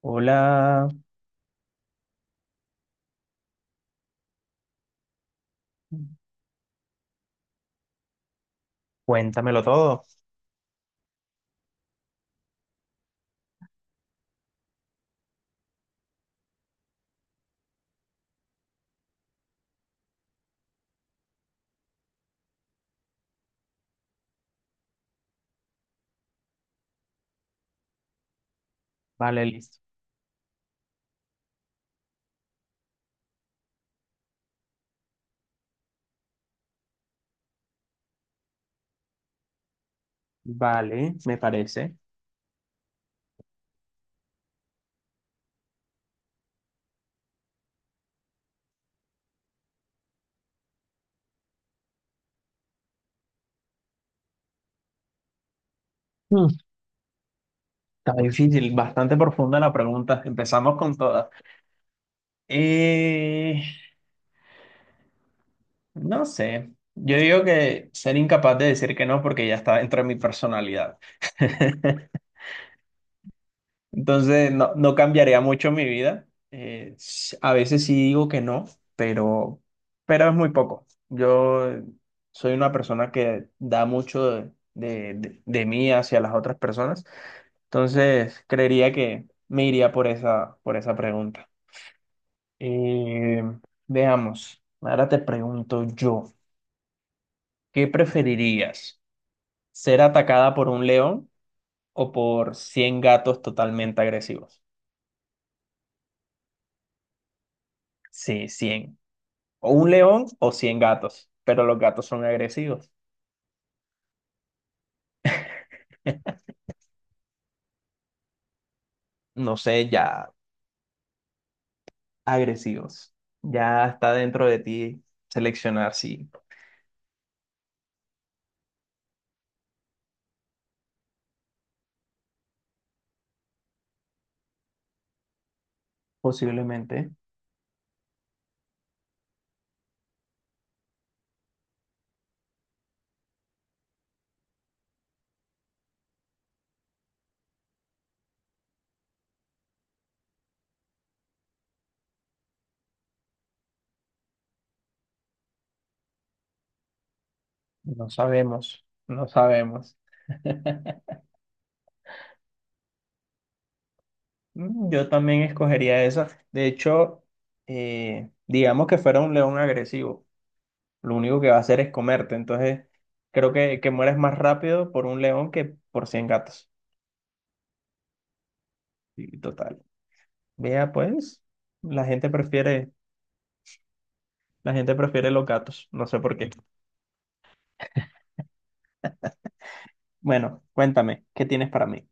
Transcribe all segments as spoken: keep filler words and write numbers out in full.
Hola, cuéntamelo todo. Vale, listo. Vale, me parece. Mm, Está difícil, bastante profunda la pregunta. Empezamos con todas. Eh, no sé. Yo digo que ser incapaz de decir que no porque ya está dentro de mi personalidad. Entonces, no, no cambiaría mucho mi vida. Eh, s- a veces sí digo que no, pero, pero es muy poco. Yo soy una persona que da mucho de, de- de- de mí hacia las otras personas. Entonces, creería que me iría por esa, por esa pregunta. Eh, veamos, ahora te pregunto yo, ¿qué preferirías? ¿Ser atacada por un león o por cien gatos totalmente agresivos? Sí, cien. O un león o cien gatos, pero los gatos son agresivos. No sé, ya agresivos. Ya está dentro de ti seleccionar si posiblemente. No sabemos, no sabemos. Mm, Yo también escogería esa. De hecho, eh, digamos que fuera un león agresivo. Lo único que va a hacer es comerte. Entonces, creo que, que, mueres más rápido por un león que por cien gatos. Y total. Vea, pues, la gente prefiere La gente prefiere los gatos, no sé por qué. Bueno, cuéntame, ¿qué tienes para mí?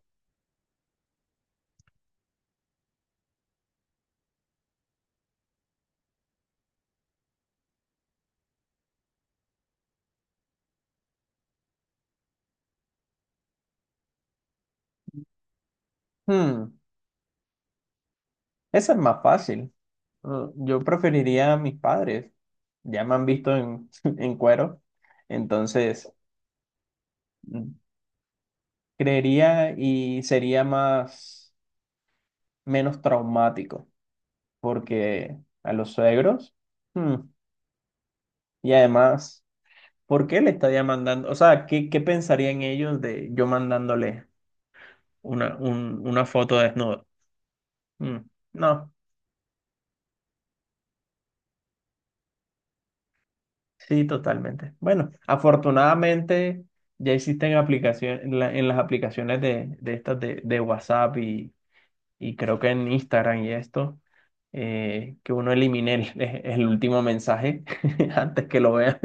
Hmm, esa es más fácil. Mm, Yo preferiría a mis padres. Ya me han visto en, en cuero. Entonces, mm, creería y sería más, menos traumático. Porque a los suegros, mm, y además, ¿por qué le estaría mandando? O sea, ¿qué, qué pensarían ellos de yo mandándole una, un- una foto desnuda? Mm. No. Sí, totalmente. Bueno, afortunadamente ya existen aplicaciones en, la- en las aplicaciones de, de estas de, de WhatsApp y, y creo que en Instagram y esto, eh, que uno elimine el, el último mensaje antes que lo vea.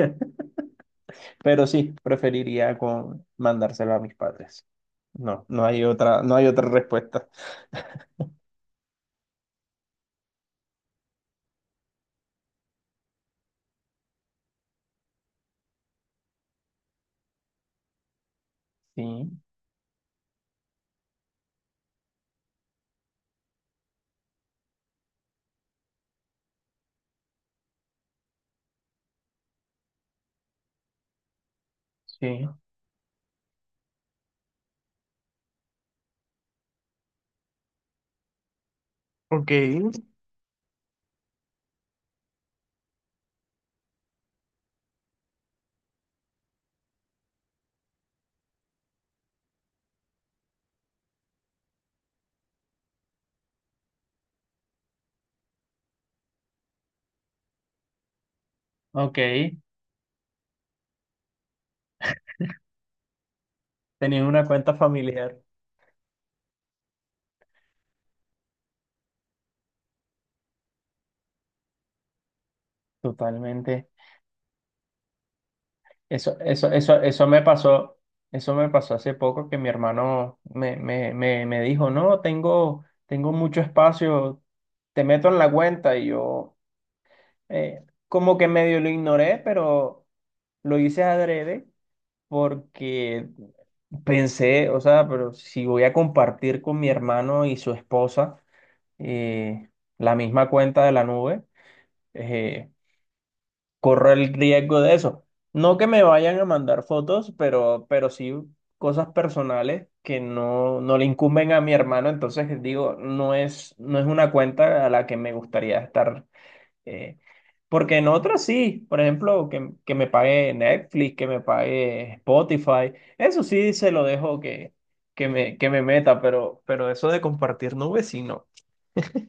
Pero sí, preferiría con mandárselo a mis padres. No, no hay otra, no hay otra respuesta. Sí, sí. Ok. Ok, tenías una cuenta familiar. Totalmente. Eso, eso, eso, eso me pasó, eso me pasó hace poco que mi hermano me, me, me, me dijo, no, tengo, tengo mucho espacio, te meto en la cuenta y yo eh, como que medio lo ignoré, pero lo hice adrede porque pensé, o sea, pero si voy a compartir con mi hermano y su esposa eh, la misma cuenta de la nube, eh, corro el riesgo de eso. No que me vayan a mandar fotos, pero, pero sí cosas personales que no, no le incumben a mi hermano. Entonces digo, no es, no es una cuenta a la que me gustaría estar. eh, porque en otras sí, por ejemplo, que, que me pague Netflix, que me pague Spotify, eso sí se lo dejo que, que me, que me meta, pero, pero eso de compartir nubes, sí, no.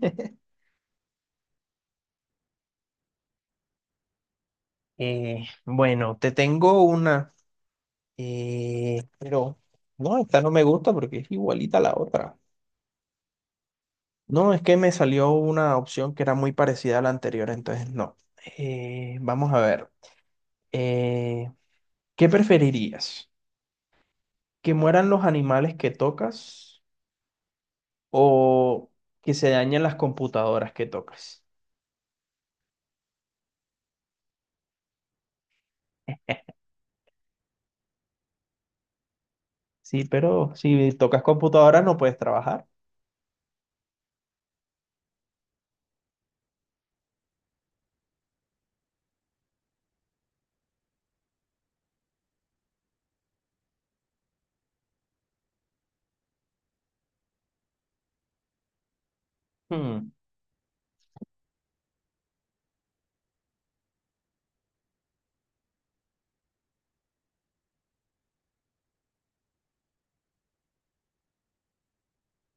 Eh, bueno, te tengo una. Eh, pero no, esta no me gusta porque es igualita a la otra. No, es que me salió una opción que era muy parecida a la anterior, entonces no. Eh, vamos a ver. Eh, ¿qué preferirías? ¿Que mueran los animales que tocas o que se dañen las computadoras que tocas? Sí, pero si tocas computadoras no puedes trabajar. Hmm,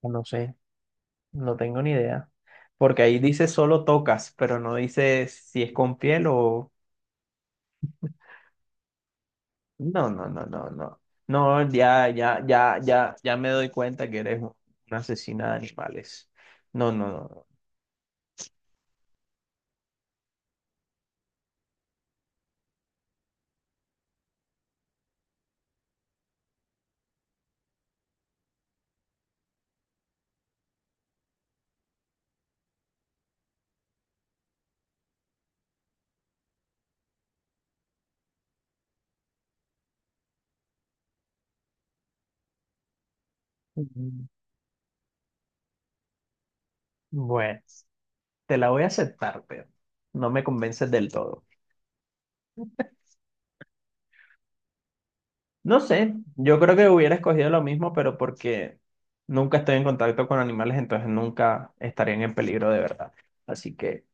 no sé, no tengo ni idea. Porque ahí dice solo tocas, pero no dice si es con piel o... No, no, no, no, no. No, ya, ya, ya, ya, ya me doy cuenta que eres un- una asesina de animales. No, no, no. No. Mm, Bueno, te la voy a aceptar, pero no me convences del todo. No sé, yo creo que hubiera escogido lo mismo, pero porque nunca estoy en contacto con animales, entonces nunca estarían en peligro de verdad. Así que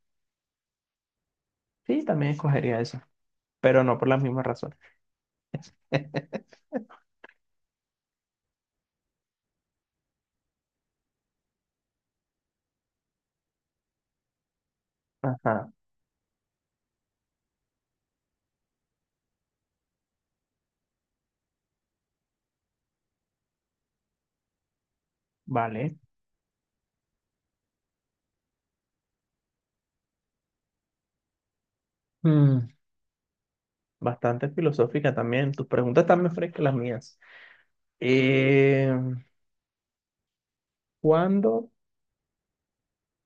sí, también escogería eso, pero no por las mismas razones. Ajá, vale. Mm, bastante filosófica también. Tus preguntas están más frescas que las mías. Eh, ¿cuándo?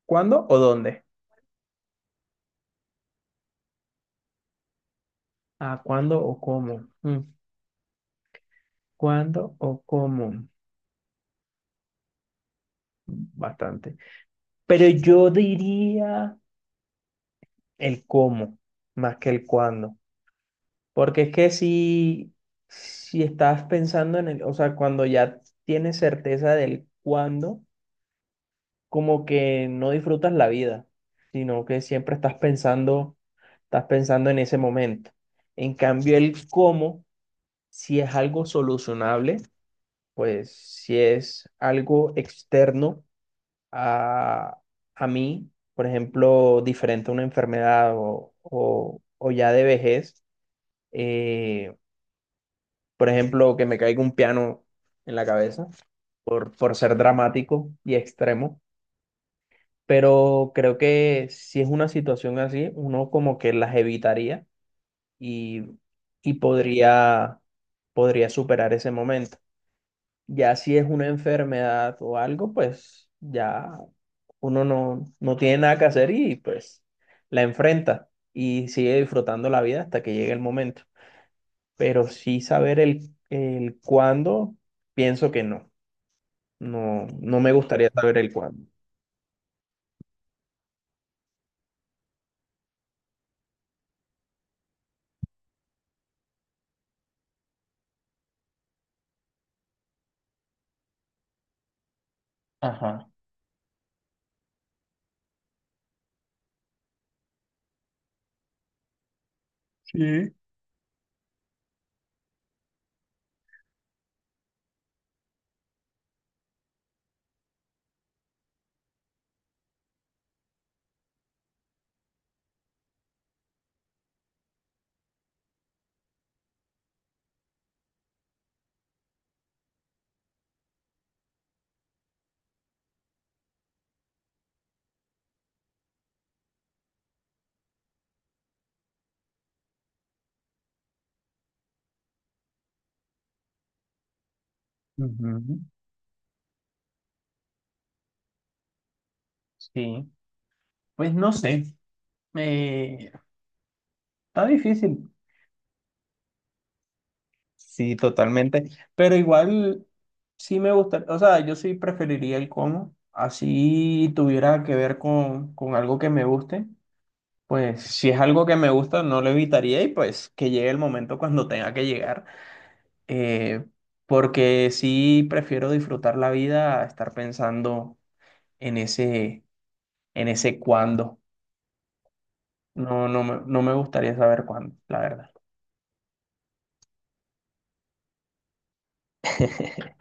¿Cuándo o dónde? Ah, ¿cuándo o cómo? Mm, ¿Cuándo o cómo? Bastante. Pero yo diría el cómo más que el cuándo. Porque es que si, si estás pensando en el, o sea, cuando ya tienes certeza del cuándo, como que no disfrutas la vida, sino que siempre estás pensando, estás pensando en ese momento. En cambio, el cómo, si es algo solucionable, pues si es algo externo a, a mí, por ejemplo, diferente a una enfermedad o, o, o ya de vejez, eh, por ejemplo, que me caiga un piano en la cabeza por, por ser dramático y extremo. Pero creo que si es una situación así, uno como que las evitaría y, y podría, podría superar ese momento. Ya si es una enfermedad o algo, pues ya uno no, no tiene nada que hacer y pues la enfrenta y sigue disfrutando la vida hasta que llegue el momento. Pero sí saber el, el cuándo, pienso que no. No, no me gustaría saber el cuándo. Ajá. Sí. Ujú. Sí. Pues no sé, eh, está difícil, sí, totalmente, pero igual sí me gusta, o sea, yo sí preferiría el cómo, así tuviera que ver con, con, algo que me guste, pues si es algo que me gusta no lo evitaría y pues que llegue el momento cuando tenga que llegar, eh, porque sí prefiero disfrutar la vida a estar pensando en ese, en ese cuándo, no, no me, no me gustaría saber cuándo, la verdad.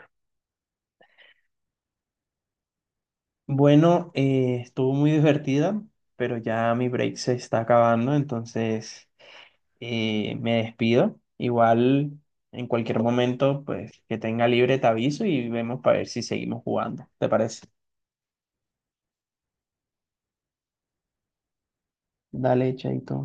Bueno, eh, estuvo muy divertida, pero ya mi break se está acabando, entonces eh, me despido. Igual en cualquier momento, pues que tenga libre te aviso y vemos para ver si seguimos jugando. ¿Te parece? Dale, Chaito.